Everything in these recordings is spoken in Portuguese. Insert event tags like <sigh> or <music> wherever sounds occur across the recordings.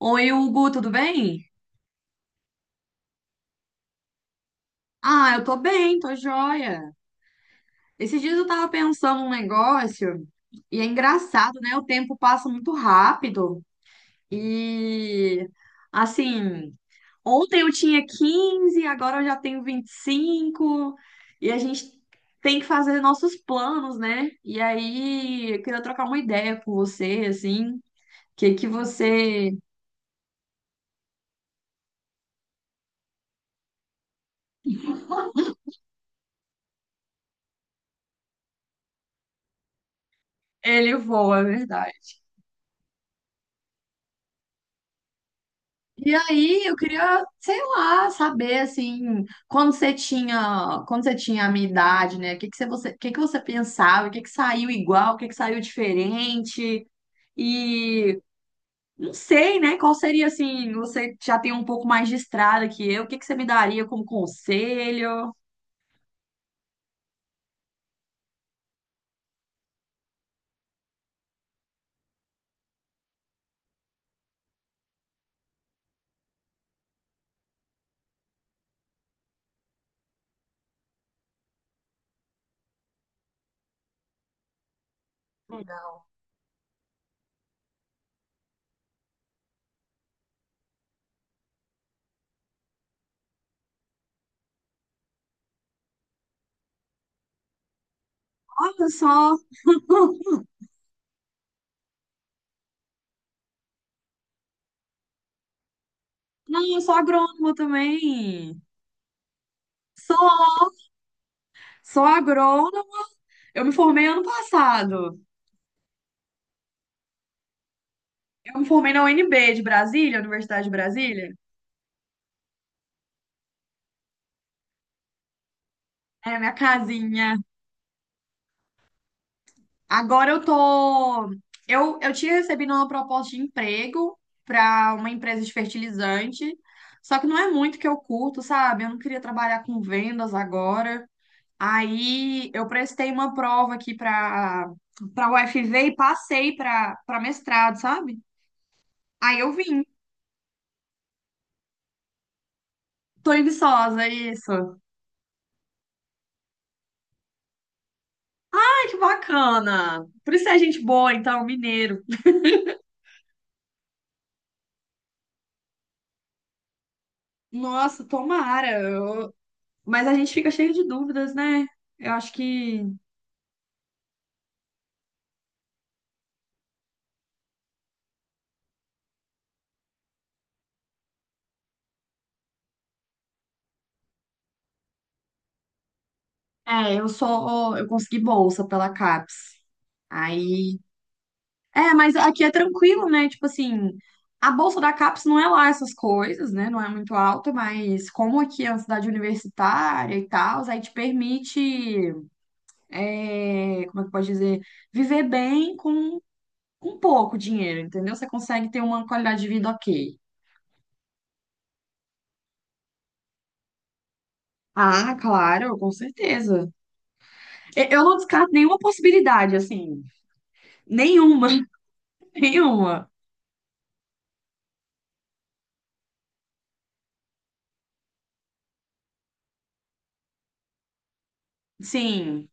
Oi, Hugo, tudo bem? Ah, eu tô bem, tô joia. Esses dias eu tava pensando um negócio e é engraçado, né? O tempo passa muito rápido e assim, ontem eu tinha 15, agora eu já tenho 25 e a gente tem que fazer nossos planos, né? E aí, eu queria trocar uma ideia com você, assim, que você elevou, é verdade. E aí, eu queria, sei lá, saber assim, quando você tinha a minha idade, né? O que que você, o que que você pensava? O que que saiu igual? O que que saiu diferente? E não sei, né? Qual seria assim, você já tem um pouco mais de estrada que eu, o que que você me daria como conselho? Olha só, <laughs> não, eu sou agrônoma também. Sou, sou agrônoma. Eu me formei ano passado. Eu me formei na UNB de Brasília, Universidade de Brasília. É, minha casinha. Agora eu tô. Eu tinha recebido uma proposta de emprego para uma empresa de fertilizante, só que não é muito que eu curto, sabe? Eu não queria trabalhar com vendas agora. Aí eu prestei uma prova aqui para UFV e passei para mestrado, sabe? Aí eu vim. Tô em Viçosa, isso. Ai, que bacana. Por isso é gente boa, então, mineiro. Nossa, tomara. Eu, mas a gente fica cheio de dúvidas, né? Eu acho que. É, eu só. Eu consegui bolsa pela CAPES. Aí. É, mas aqui é tranquilo, né? Tipo assim, a bolsa da CAPES não é lá essas coisas, né? Não é muito alta, mas como aqui é uma cidade universitária e tal, aí te permite. É, como é que pode dizer? Viver bem com pouco dinheiro, entendeu? Você consegue ter uma qualidade de vida ok. Ah, claro, com certeza. Eu não descarto nenhuma possibilidade, assim. Nenhuma, <laughs> nenhuma. Sim,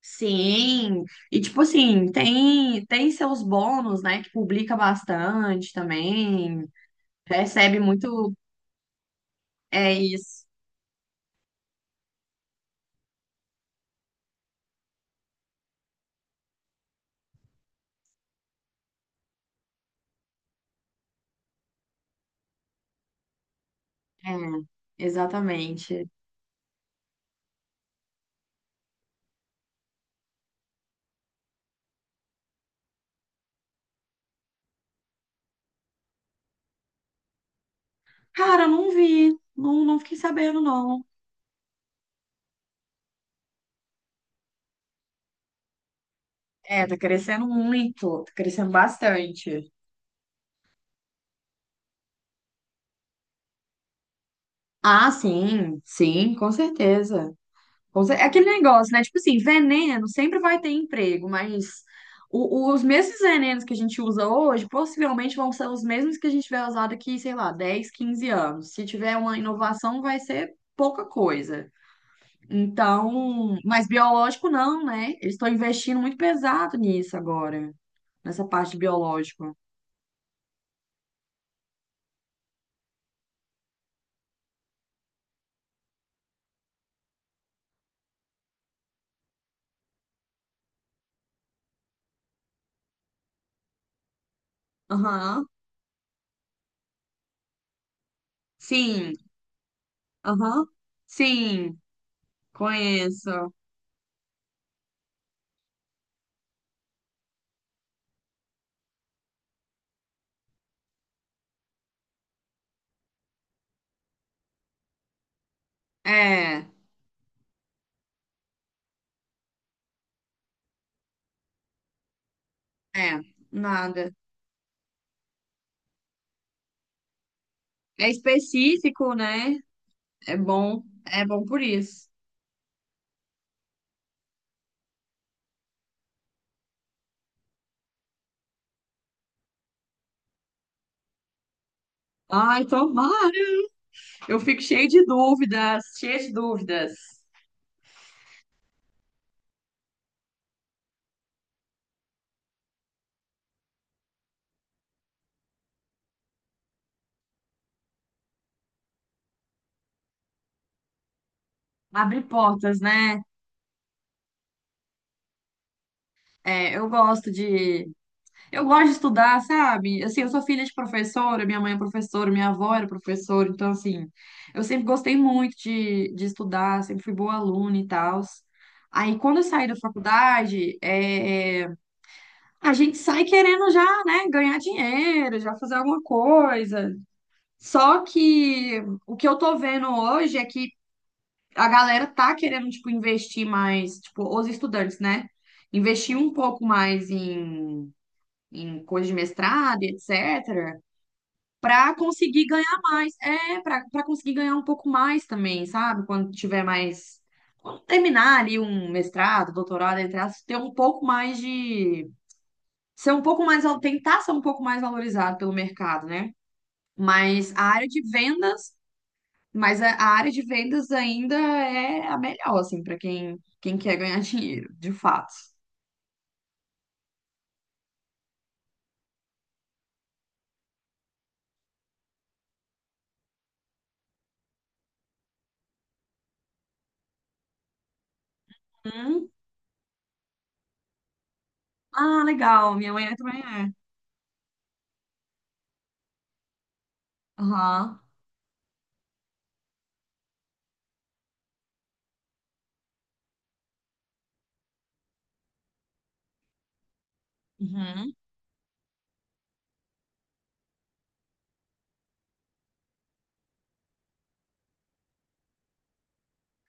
sim. E tipo assim, tem seus bônus, né? Que publica bastante também, recebe muito. É isso. É, exatamente. Cara, eu não vi, não, não fiquei sabendo, não. É, tá crescendo muito, tá crescendo bastante. Ah, sim, sim, com certeza. É aquele negócio, né? Tipo assim, veneno sempre vai ter emprego, mas os mesmos venenos que a gente usa hoje possivelmente vão ser os mesmos que a gente vai usar daqui, sei lá, 10 15 anos. Se tiver uma inovação, vai ser pouca coisa. Então, mas biológico não, né? Eles estão investindo muito pesado nisso agora, nessa parte de biológico. Aham. Sim, aham. Sim, conheço. É, é, nada. É específico, né? É bom por isso. Ai, tomara. Eu fico cheio de dúvidas, cheia de dúvidas. Abre portas, né? É, eu gosto de. Eu gosto de estudar, sabe? Assim, eu sou filha de professora, minha mãe é professora, minha avó era professora, então, assim, eu sempre gostei muito de estudar, sempre fui boa aluna e tal. Aí, quando eu saí da faculdade, é, é, a gente sai querendo já, né, ganhar dinheiro, já fazer alguma coisa. Só que o que eu tô vendo hoje é que a galera tá querendo, tipo, investir mais, tipo, os estudantes, né? Investir um pouco mais em, em coisa de mestrado, e etc., para conseguir ganhar mais. É, para conseguir ganhar um pouco mais também, sabe? Quando tiver mais. Quando terminar ali um mestrado, doutorado, entre aspas, ter um pouco mais de. Ser um pouco mais. Tentar ser um pouco mais valorizado pelo mercado, né? Mas a área de vendas mas a área de vendas ainda é a melhor, assim, para quem, quem quer ganhar <laughs> dinheiro, de fato. Hum. Ah, legal. Minha mãe também é. Aham. Uhum.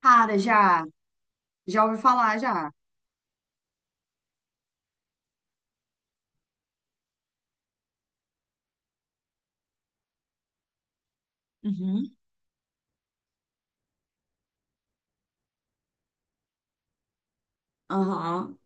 Cara, já. Já ouvi falar, já. Uhum. Aham.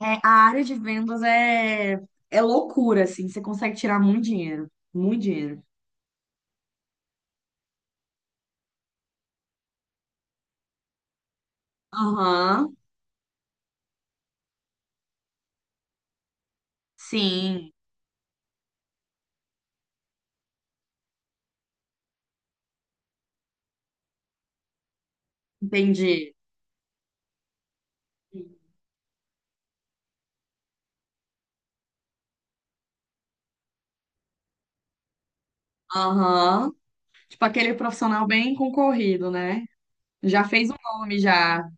É, a área de vendas é, é loucura, assim. Você consegue tirar muito dinheiro. Muito dinheiro. Aham. Sim. Entendi. Aham. Tipo aquele profissional bem concorrido, né? Já fez um nome, já.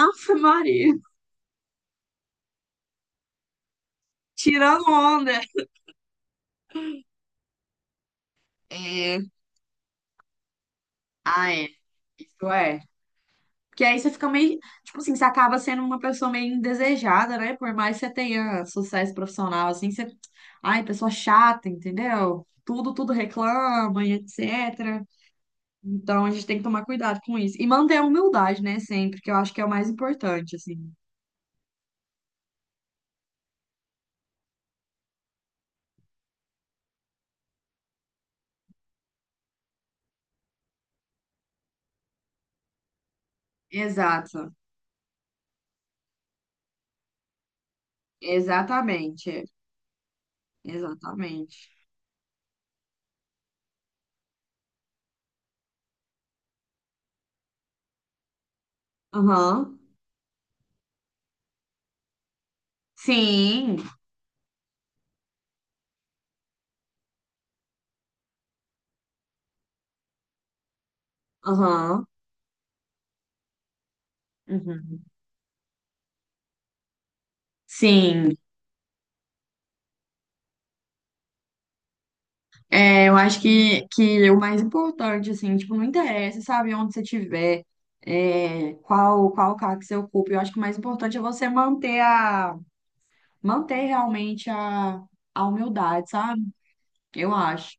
Ave Maria. Tirando onda. É. Ah, é. Isso é. Porque aí você fica meio. Tipo assim, você acaba sendo uma pessoa meio indesejada, né? Por mais que você tenha sucesso profissional, assim, você. Ai, pessoa chata, entendeu? Tudo, tudo reclama e etc. Então a gente tem que tomar cuidado com isso. E manter a humildade, né? Sempre, que eu acho que é o mais importante, assim. Exato. Exatamente. Exatamente. Aham. Sim. Aham. Uhum. Sim. É, eu acho que é o mais importante, assim, tipo, não interessa, sabe, onde você estiver, é, qual, qual cargo que você ocupa. Eu acho que o mais importante é você manter a, manter realmente a humildade, sabe? Eu acho.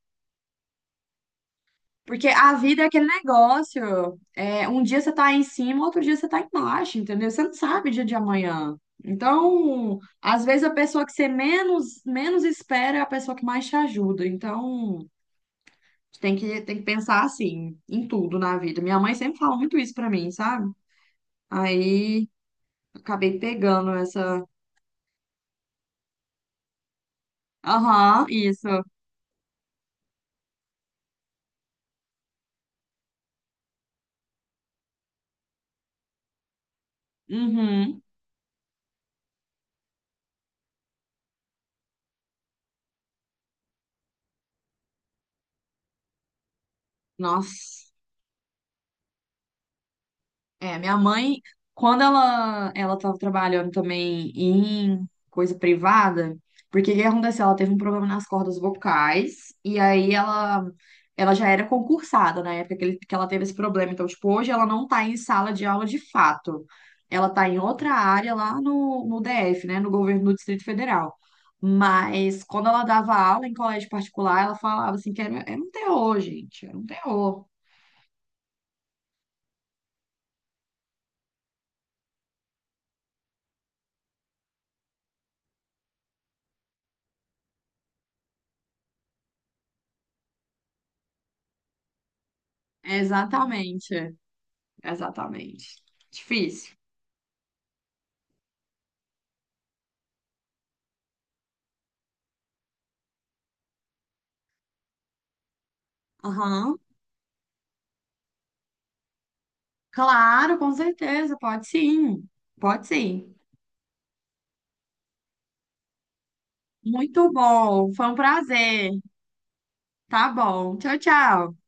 Porque a vida é aquele negócio. É, um dia você tá em cima, outro dia você tá embaixo, entendeu? Você não sabe o dia de amanhã. Então, às vezes a pessoa que você menos, menos espera é a pessoa que mais te ajuda. Então. Tem que pensar assim, em tudo na vida. Minha mãe sempre fala muito isso pra mim, sabe? Aí acabei pegando essa. Aham, isso. Uhum. Nossa. É, minha mãe, quando ela estava trabalhando também em coisa privada, porque o que aconteceu? Ela teve um problema nas cordas vocais, e aí ela ela já era concursada na época que, que ela teve esse problema. Então, tipo, hoje ela não tá em sala de aula de fato. Ela tá em outra área lá no, no DF, né? No governo do Distrito Federal. Mas quando ela dava aula em colégio particular, ela falava assim que era, era um terror, gente. Era um terror. Exatamente. Exatamente. Difícil. Aham. Claro, com certeza, pode sim. Pode sim. Muito bom, foi um prazer. Tá bom. Tchau, tchau.